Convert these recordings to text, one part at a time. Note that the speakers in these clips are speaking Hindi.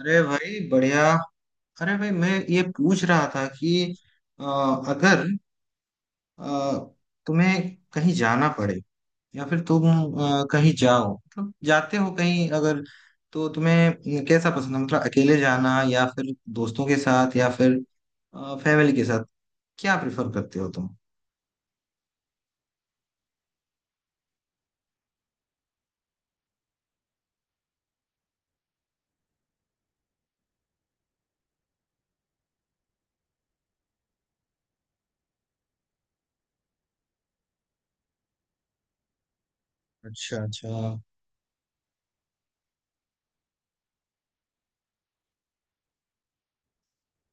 अरे भाई बढ़िया। अरे भाई मैं ये पूछ रहा था कि अ, अगर अ, तुम्हें कहीं जाना पड़े या फिर तुम कहीं जाओ, मतलब जाते हो कहीं, अगर तो तुम्हें कैसा पसंद है, मतलब अकेले जाना या फिर दोस्तों के साथ या फिर फैमिली के साथ? क्या प्रेफर करते हो तुम? अच्छा अच्छा।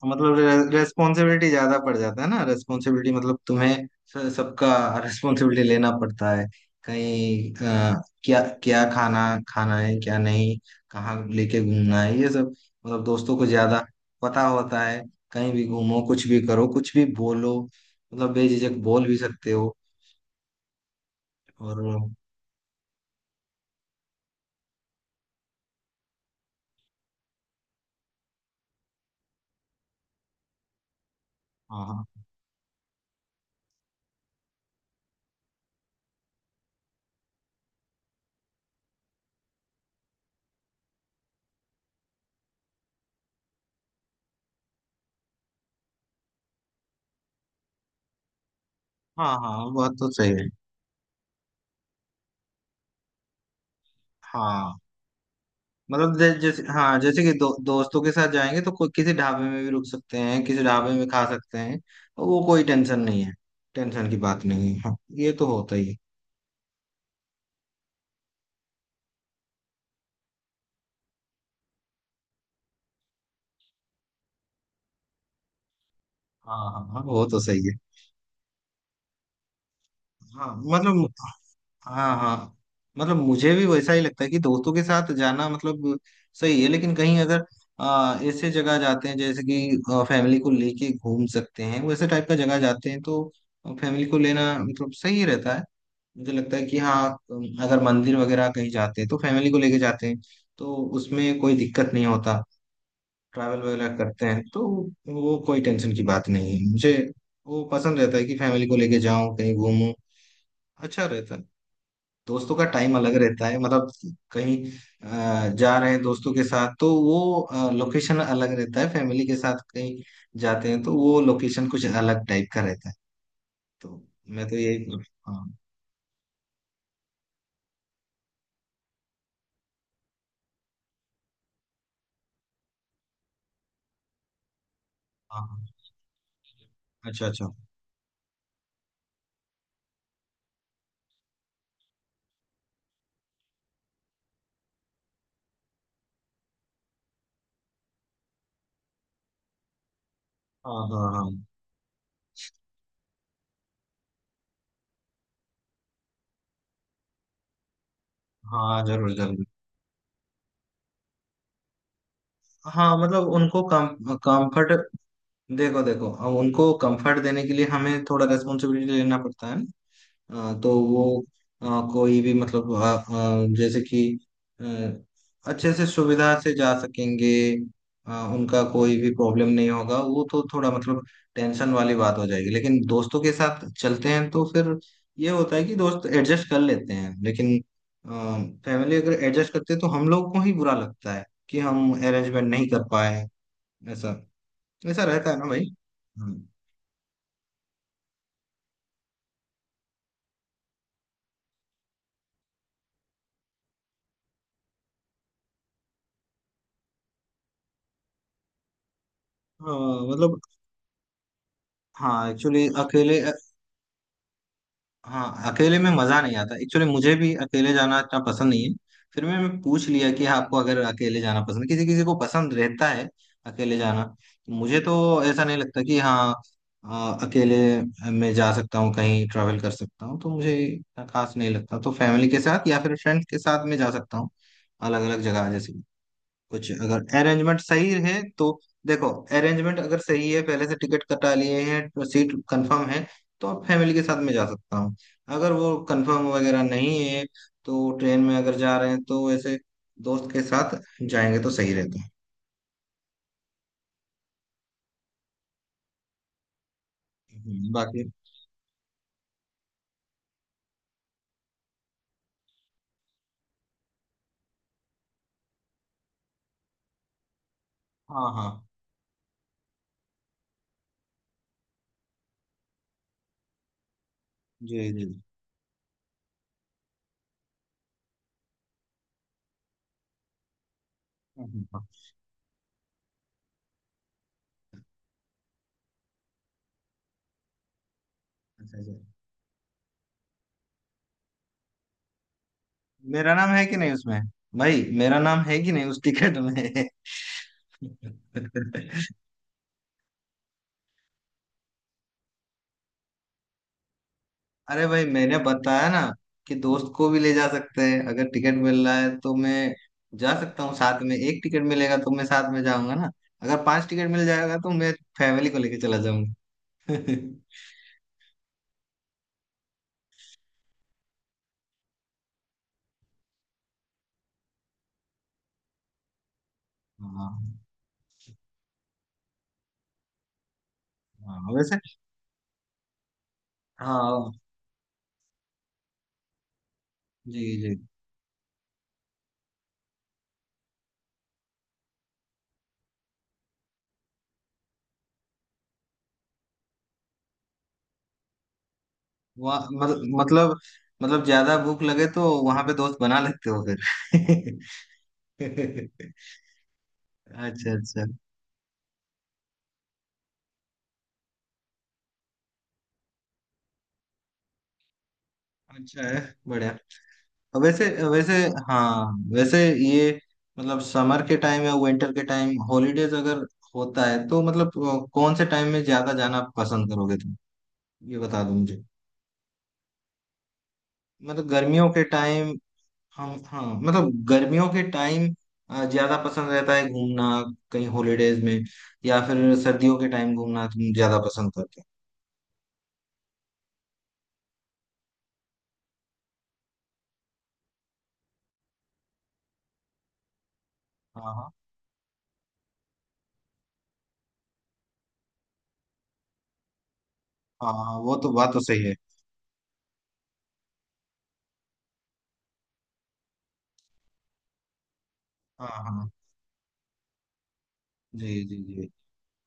तो मतलब रेस्पॉन्सिबिलिटी ज्यादा पड़ जाता है ना, रेस्पॉन्सिबिलिटी, मतलब तुम्हें सबका रेस्पॉन्सिबिलिटी लेना पड़ता है, कहीं क्या क्या खाना खाना है क्या नहीं, कहाँ लेके घूमना है, ये सब, मतलब दोस्तों को ज्यादा पता होता है। कहीं भी घूमो, कुछ भी करो, कुछ भी बोलो, मतलब बेझिझक बोल भी सकते हो, और हाँ हाँ। हाँ हाँ, बात तो सही है। हाँ, मतलब जैसे, हाँ जैसे कि दोस्तों के साथ जाएंगे तो कोई किसी ढाबे में भी रुक सकते हैं, किसी ढाबे में खा सकते हैं, वो कोई टेंशन नहीं है। टेंशन की बात नहीं है, हाँ, ये तो होता ही है। हाँ हाँ हाँ, वो तो सही है। हाँ मतलब, हाँ हाँ, मतलब मुझे भी वैसा ही लगता है कि दोस्तों के साथ जाना मतलब सही है, लेकिन कहीं अगर ऐसे जगह जाते हैं जैसे कि फैमिली को लेके घूम सकते हैं, वैसे टाइप का जगह जाते हैं, तो फैमिली को लेना मतलब सही रहता है, मुझे लगता है कि हाँ। अगर मंदिर वगैरह कहीं जाते हैं तो फैमिली को लेके जाते हैं, तो उसमें कोई दिक्कत नहीं होता। ट्रैवल वगैरह करते हैं तो वो कोई टेंशन की बात नहीं है मुझे, वो पसंद रहता है कि फैमिली को लेके जाऊं कहीं घूमूं, अच्छा रहता है। दोस्तों का टाइम अलग रहता है, मतलब कहीं जा रहे हैं दोस्तों के साथ तो वो लोकेशन अलग रहता है, फैमिली के साथ कहीं जाते हैं तो वो लोकेशन कुछ अलग टाइप का रहता है। तो मैं तो यही, हाँ हाँ हाँ। अच्छा अच्छा। हाँ हाँ हाँ हाँ जरूर जरूर। हाँ मतलब उनको कम कंफर्ट। देखो देखो, अब उनको कंफर्ट देने के लिए हमें थोड़ा रेस्पॉन्सिबिलिटी लेना पड़ता है। हाँ, तो वो अ, कोई भी मतलब जैसे कि अ, अच्छे से सुविधा से जा सकेंगे, उनका कोई भी प्रॉब्लम नहीं होगा, वो तो थोड़ा मतलब टेंशन वाली बात हो जाएगी। लेकिन दोस्तों के साथ चलते हैं तो फिर ये होता है कि दोस्त एडजस्ट कर लेते हैं, लेकिन फैमिली अगर एडजस्ट करते हैं तो हम लोग को ही बुरा लगता है कि हम अरेंजमेंट नहीं कर पाए। ऐसा ऐसा रहता है ना भाई। हम्म। हाँ मतलब, हाँ एक्चुअली अकेले, हाँ अकेले में मजा नहीं आता। एक्चुअली मुझे भी अकेले जाना इतना पसंद नहीं है। फिर मैं पूछ लिया कि आपको अगर अकेले जाना पसंद, किसी किसी को पसंद रहता है अकेले जाना, तो मुझे तो ऐसा नहीं लगता कि हाँ अकेले मैं जा सकता हूँ, कहीं ट्रैवल कर सकता हूँ, तो मुझे इतना खास नहीं लगता, तो फैमिली के साथ या फिर फ्रेंड्स के साथ मैं जा सकता हूँ अलग अलग जगह, जैसे कुछ अगर अरेंजमेंट सही है तो। देखो, अरेंजमेंट अगर सही है, पहले से टिकट कटा लिए हैं, सीट कंफर्म है, तो आप फैमिली के साथ में जा सकता हूँ। अगर वो कंफर्म वगैरह नहीं है तो ट्रेन में अगर जा रहे हैं तो ऐसे दोस्त के साथ जाएंगे तो सही रहता है। बाकी हाँ हाँ जी जी जी। हाँ, हाँ, हाँ। अच्छा अच्छा। मेरा नाम है कि नहीं उसमें? भाई मेरा नाम है कि नहीं उस टिकट में? अरे भाई मैंने बताया ना कि दोस्त को भी ले जा सकते हैं, अगर टिकट मिल रहा है तो मैं जा सकता हूँ साथ में। एक टिकट मिलेगा तो मैं साथ में जाऊंगा ना, अगर पांच टिकट मिल जाएगा तो मैं फैमिली को लेके चला जाऊंगा। हाँ हाँ वैसे। हाँ जी जी। वहाँ मतलब ज्यादा भूख लगे तो वहां पे दोस्त बना लेते हो फिर? अच्छा अच्छा। अच्छा है, बढ़िया। वैसे वैसे हाँ वैसे, ये मतलब समर के टाइम या विंटर के टाइम हॉलीडेज अगर होता है तो मतलब कौन से टाइम में ज्यादा जाना पसंद करोगे तुम? ये बता दो मुझे, मतलब गर्मियों के टाइम। हम हाँ, मतलब गर्मियों के टाइम ज्यादा पसंद रहता है घूमना कहीं हॉलीडेज में, या फिर सर्दियों के टाइम घूमना तुम ज्यादा पसंद करते हो? हाँ हाँ हाँ हाँ, वो तो बात तो सही है। हाँ हाँ जी जी जी।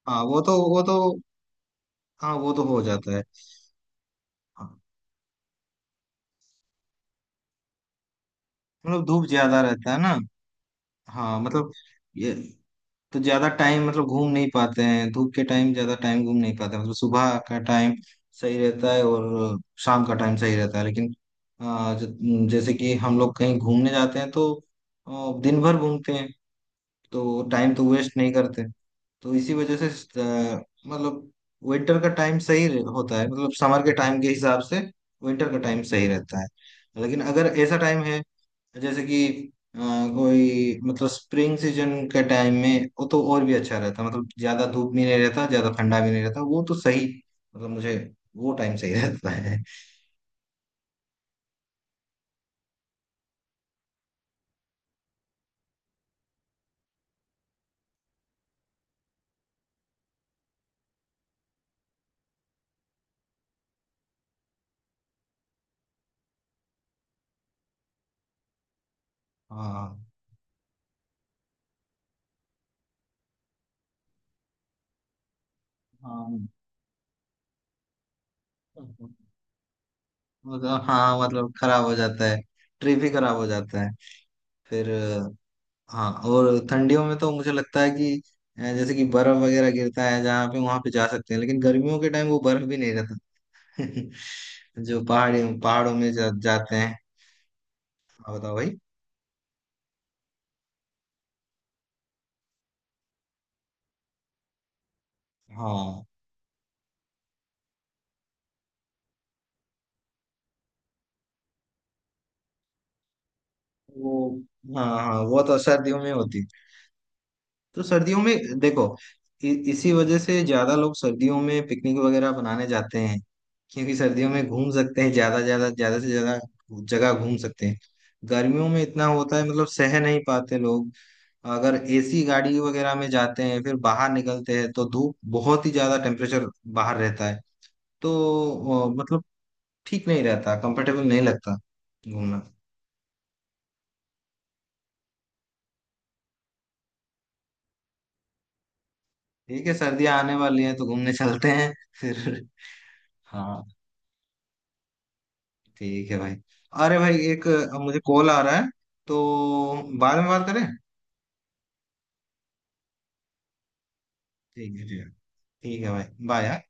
हाँ, वो तो हाँ वो तो हो जाता है। मतलब धूप ज्यादा रहता है ना। हाँ मतलब ये, तो ज्यादा टाइम मतलब घूम नहीं पाते हैं, धूप के टाइम ज्यादा टाइम घूम नहीं पाते हैं। मतलब सुबह का टाइम सही रहता है और शाम का टाइम सही रहता है, लेकिन जैसे कि हम लोग कहीं घूमने जाते हैं तो दिन भर घूमते हैं, तो टाइम तो वेस्ट नहीं करते। तो इसी वजह से आ, मतलब विंटर का टाइम सही होता है, मतलब समर के टाइम के हिसाब से विंटर का टाइम सही रहता है। लेकिन अगर ऐसा टाइम है तो जैसे कि अ, कोई, मतलब स्प्रिंग सीजन के टाइम में वो तो और भी अच्छा रहता, मतलब ज्यादा धूप भी नहीं रहता, ज्यादा ठंडा भी नहीं रहता, वो तो सही, मतलब मुझे वो टाइम सही रहता है। हाँ हाँ मतलब, हाँ मतलब खराब हो जाता है, ट्रिप ही खराब हो जाता है फिर हाँ। और ठंडियों में तो मुझे लगता है कि जैसे कि बर्फ वगैरह गिरता है जहाँ पे वहां पे जा सकते हैं, लेकिन गर्मियों के टाइम वो बर्फ भी नहीं रहता। जो पहाड़ी पहाड़ों में जाते हैं। हाँ बताओ भाई। हाँ वो, हाँ हाँ वो तो सर्दियों में होती। तो सर्दियों में देखो, इसी वजह से ज्यादा लोग सर्दियों में पिकनिक वगैरह बनाने जाते हैं, क्योंकि सर्दियों में घूम सकते हैं, ज्यादा ज्यादा ज्यादा से ज्यादा जगह घूम सकते हैं। गर्मियों में इतना होता है, मतलब सह नहीं पाते लोग, अगर एसी गाड़ी वगैरह में जाते हैं फिर बाहर निकलते हैं तो धूप बहुत ही ज्यादा टेम्परेचर बाहर रहता है, तो मतलब ठीक नहीं रहता, कंफर्टेबल नहीं लगता घूमना। ठीक है, सर्दियां आने वाली हैं तो घूमने चलते हैं फिर। हाँ ठीक है भाई। अरे भाई मुझे कॉल आ रहा है, तो बाद में बात करें। ठीक है ठीक है, ठीक है भाई, बाय।